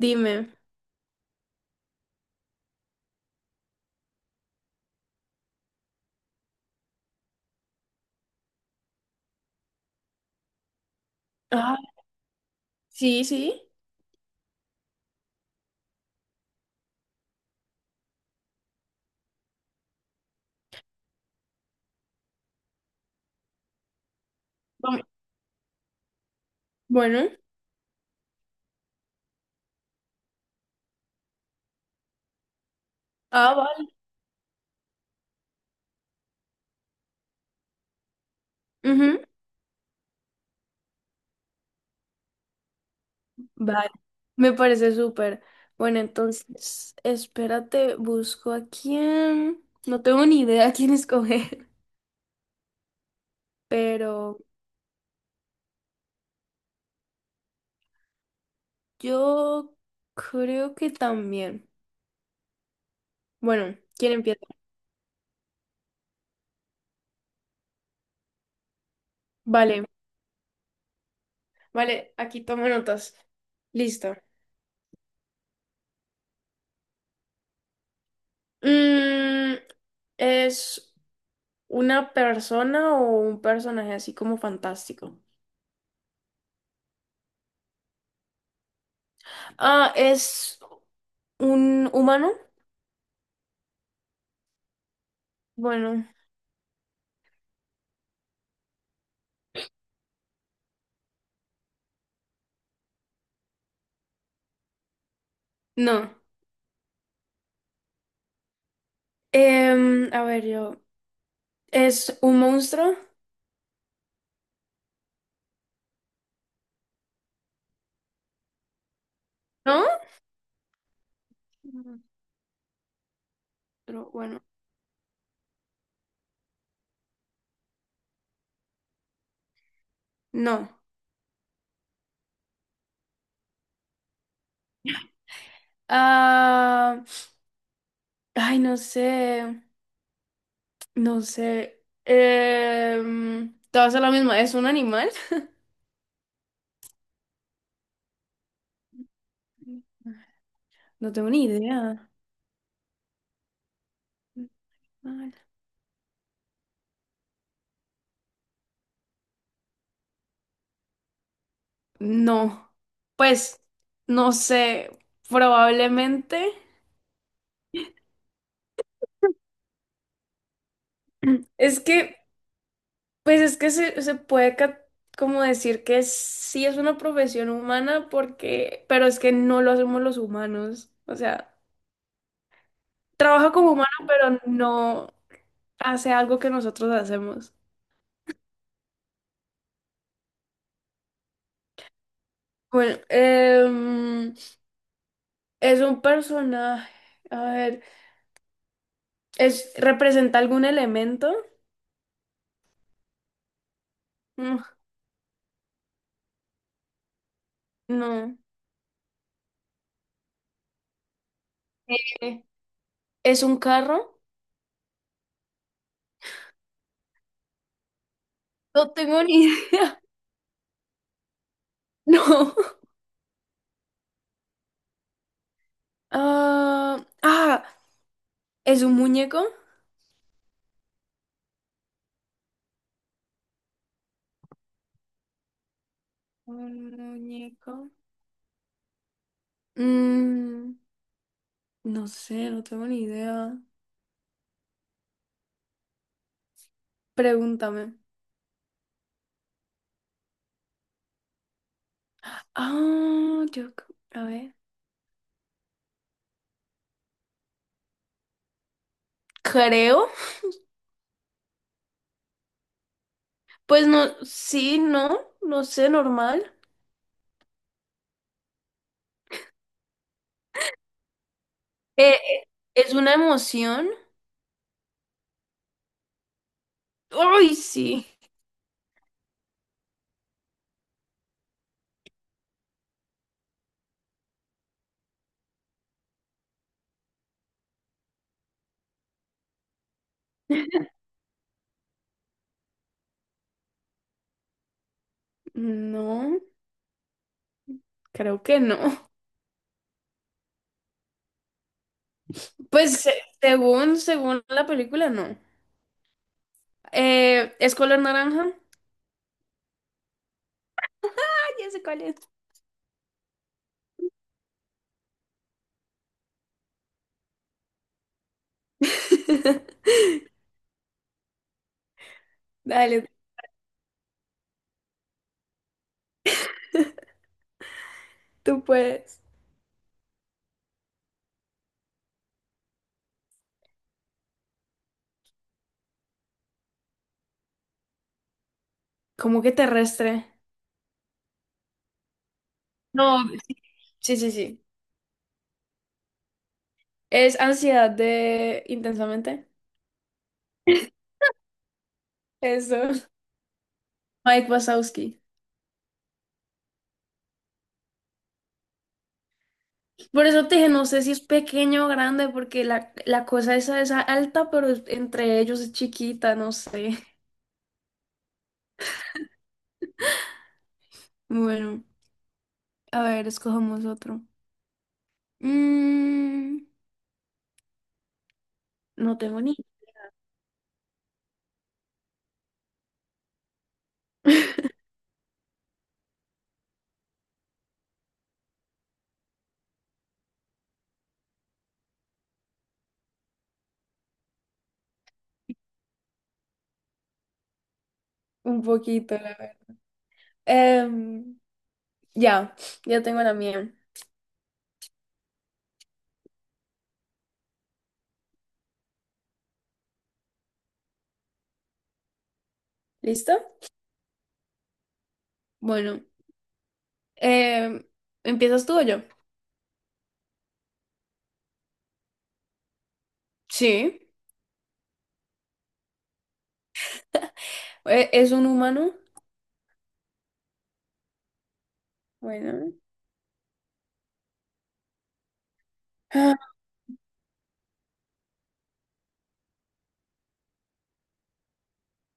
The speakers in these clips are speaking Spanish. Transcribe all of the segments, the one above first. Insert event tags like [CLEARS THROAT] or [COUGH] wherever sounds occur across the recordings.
Dime. Ah, sí, sí. Vam- Bueno. Ah, vale. Ujú, vale. Me parece súper. Bueno, entonces, espérate, busco a quién. No tengo ni idea a quién escoger, [LAUGHS] pero yo creo que también. Bueno, ¿quién empieza? Vale, vale, aquí tomo notas. Listo. Mm, ¿Es una persona o un personaje así como fantástico? Ah, es ¿Un humano? Bueno, no. A ver, yo. ¿Es un monstruo? ¿No? Monstruo, bueno, no. Ah, ay, no sé. No sé. Te vas a la misma. ¿Es un animal? [LAUGHS] No tengo ni idea. Animal. No. Pues, no sé. Probablemente. [CLEARS THROAT] Es que. Pues es que se como decir que sí es una profesión humana porque, pero es que no lo hacemos los humanos. O sea, trabaja como humano, pero no hace algo que nosotros hacemos. Bueno, es un personaje. A ver, es, ¿representa algún elemento? Mm, No. ¿Qué? ¿Es un carro? No tengo ni idea. [LAUGHS] No. Ah, ah, ¿Es un muñeco? Un muñeco. Mm, no sé, no tengo ni idea. Pregúntame. Ah, yo, a ver. Creo. Pues no, sí, no, no sé, normal. Eh, eh, ¿Es una emoción? ¡Ay, sí! No, creo que no. [LAUGHS] Pues se- Según, según la película, no. ¿Es color naranja? Ah, ya sé cuál es. [LAUGHS] Dale, tú puedes. ¿Cómo que terrestre? No, sí, sí, sí. Es ansiedad de intensamente. Eso. Mike Wazowski. Por eso te dije, no sé si es pequeño o grande, porque la cosa esa es alta, pero entre ellos es chiquita, no sé. Bueno, a ver, escojamos otro. Mm, no tengo ni. [LAUGHS] Un poquito, la verdad. Em, ya, ya tengo la mía. ¿Listo? Bueno, em, ¿empiezas tú o yo? Sí. ¿Es un humano? Bueno. [GASPS] Ah,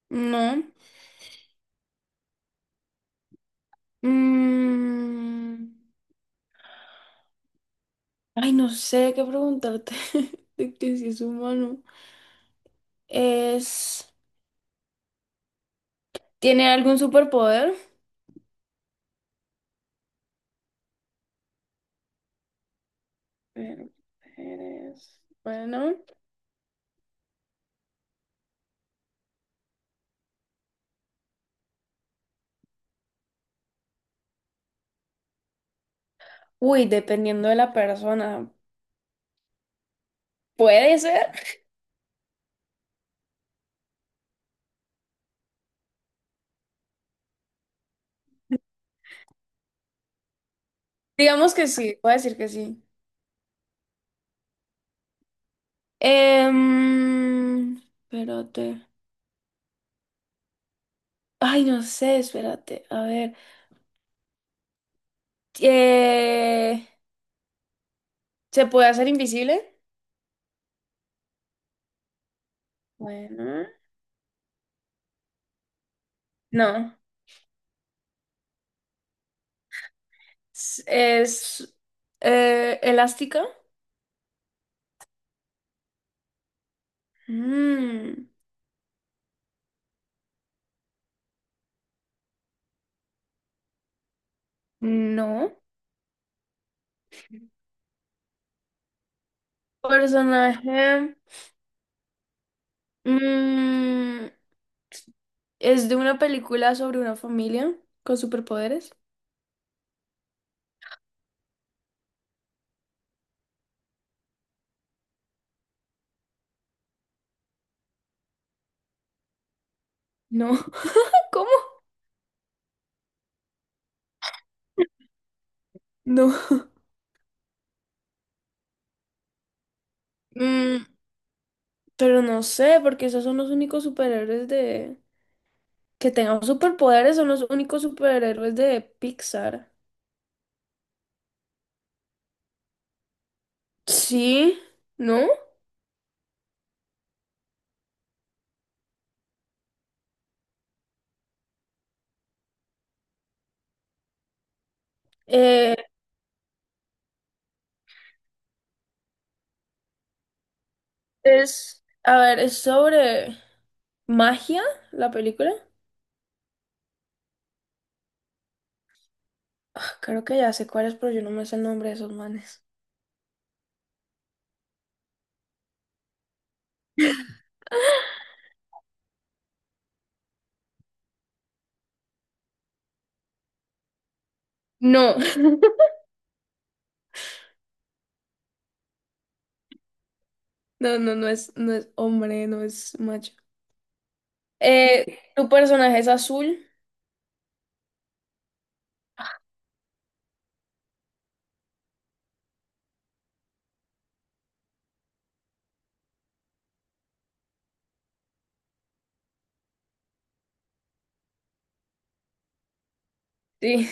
no. Mm, Ay, no sé qué preguntarte [LAUGHS] de que si es humano. Es, ¿tiene algún superpoder? Superpoderes, bueno. Uy, dependiendo de la persona. ¿Puede ser? Digamos que sí, puedo decir que sí. Espérate. Ay, no sé, espérate. A ver. Eh, ¿Se puede hacer invisible? Bueno. No. ¿Es, es, Elástica? Mm, no. Personaje. mm, es de una película sobre una familia con superpoderes. No. [LAUGHS] ¿Cómo? No. Mm, pero no sé, porque esos son los únicos superhéroes de... Que tengan superpoderes son los únicos superhéroes de Pixar. Sí, ¿no? Eh, A ver, es sobre magia la película. Ah, creo que ya sé cuál es, pero yo no me sé el nombre de esos manes. No. No, no, no es, no es hombre, no es macho. ¿Tu personaje es azul? Sí,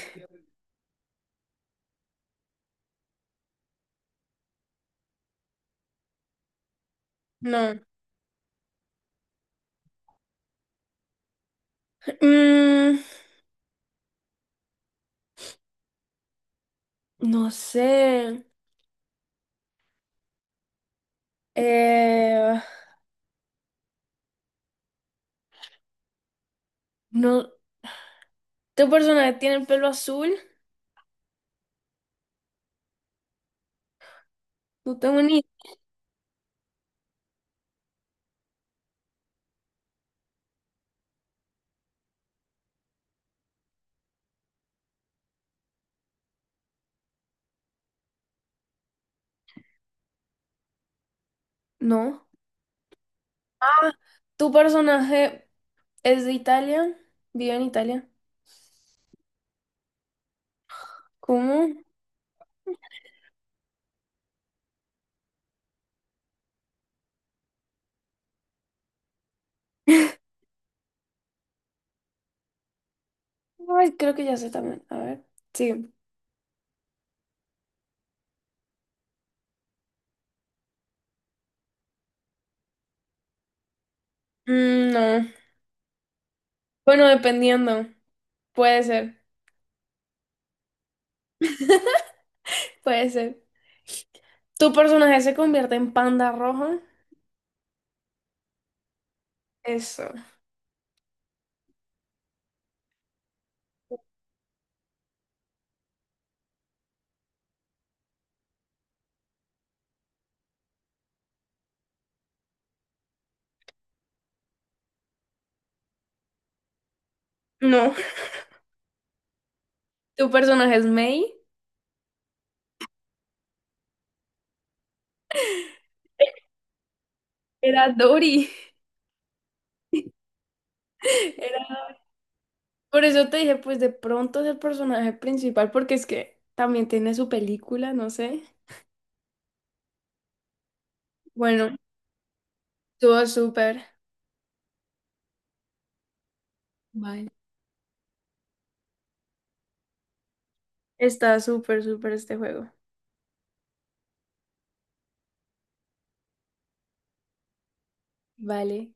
[LAUGHS] no. Mm, no sé. Eh, no. ¿Tu personaje tiene el pelo azul? No tengo ni... No. Ah, ¿tu personaje es de Italia? ¿Vive en Italia? ¿Cómo? [LAUGHS] Ay, creo que ya sé también. A ver. Sí. Mm, no. Bueno, dependiendo. Puede ser. Puede ser. ¿Tu personaje se convierte en panda rojo? Eso. No, [LAUGHS] tu personaje es May, era Dory. [LAUGHS] Era... Por eso te dije, pues de pronto es el personaje principal, porque es que también tiene su película, no sé. Bueno, estuvo súper. Vale, está súper, súper este juego. Vale.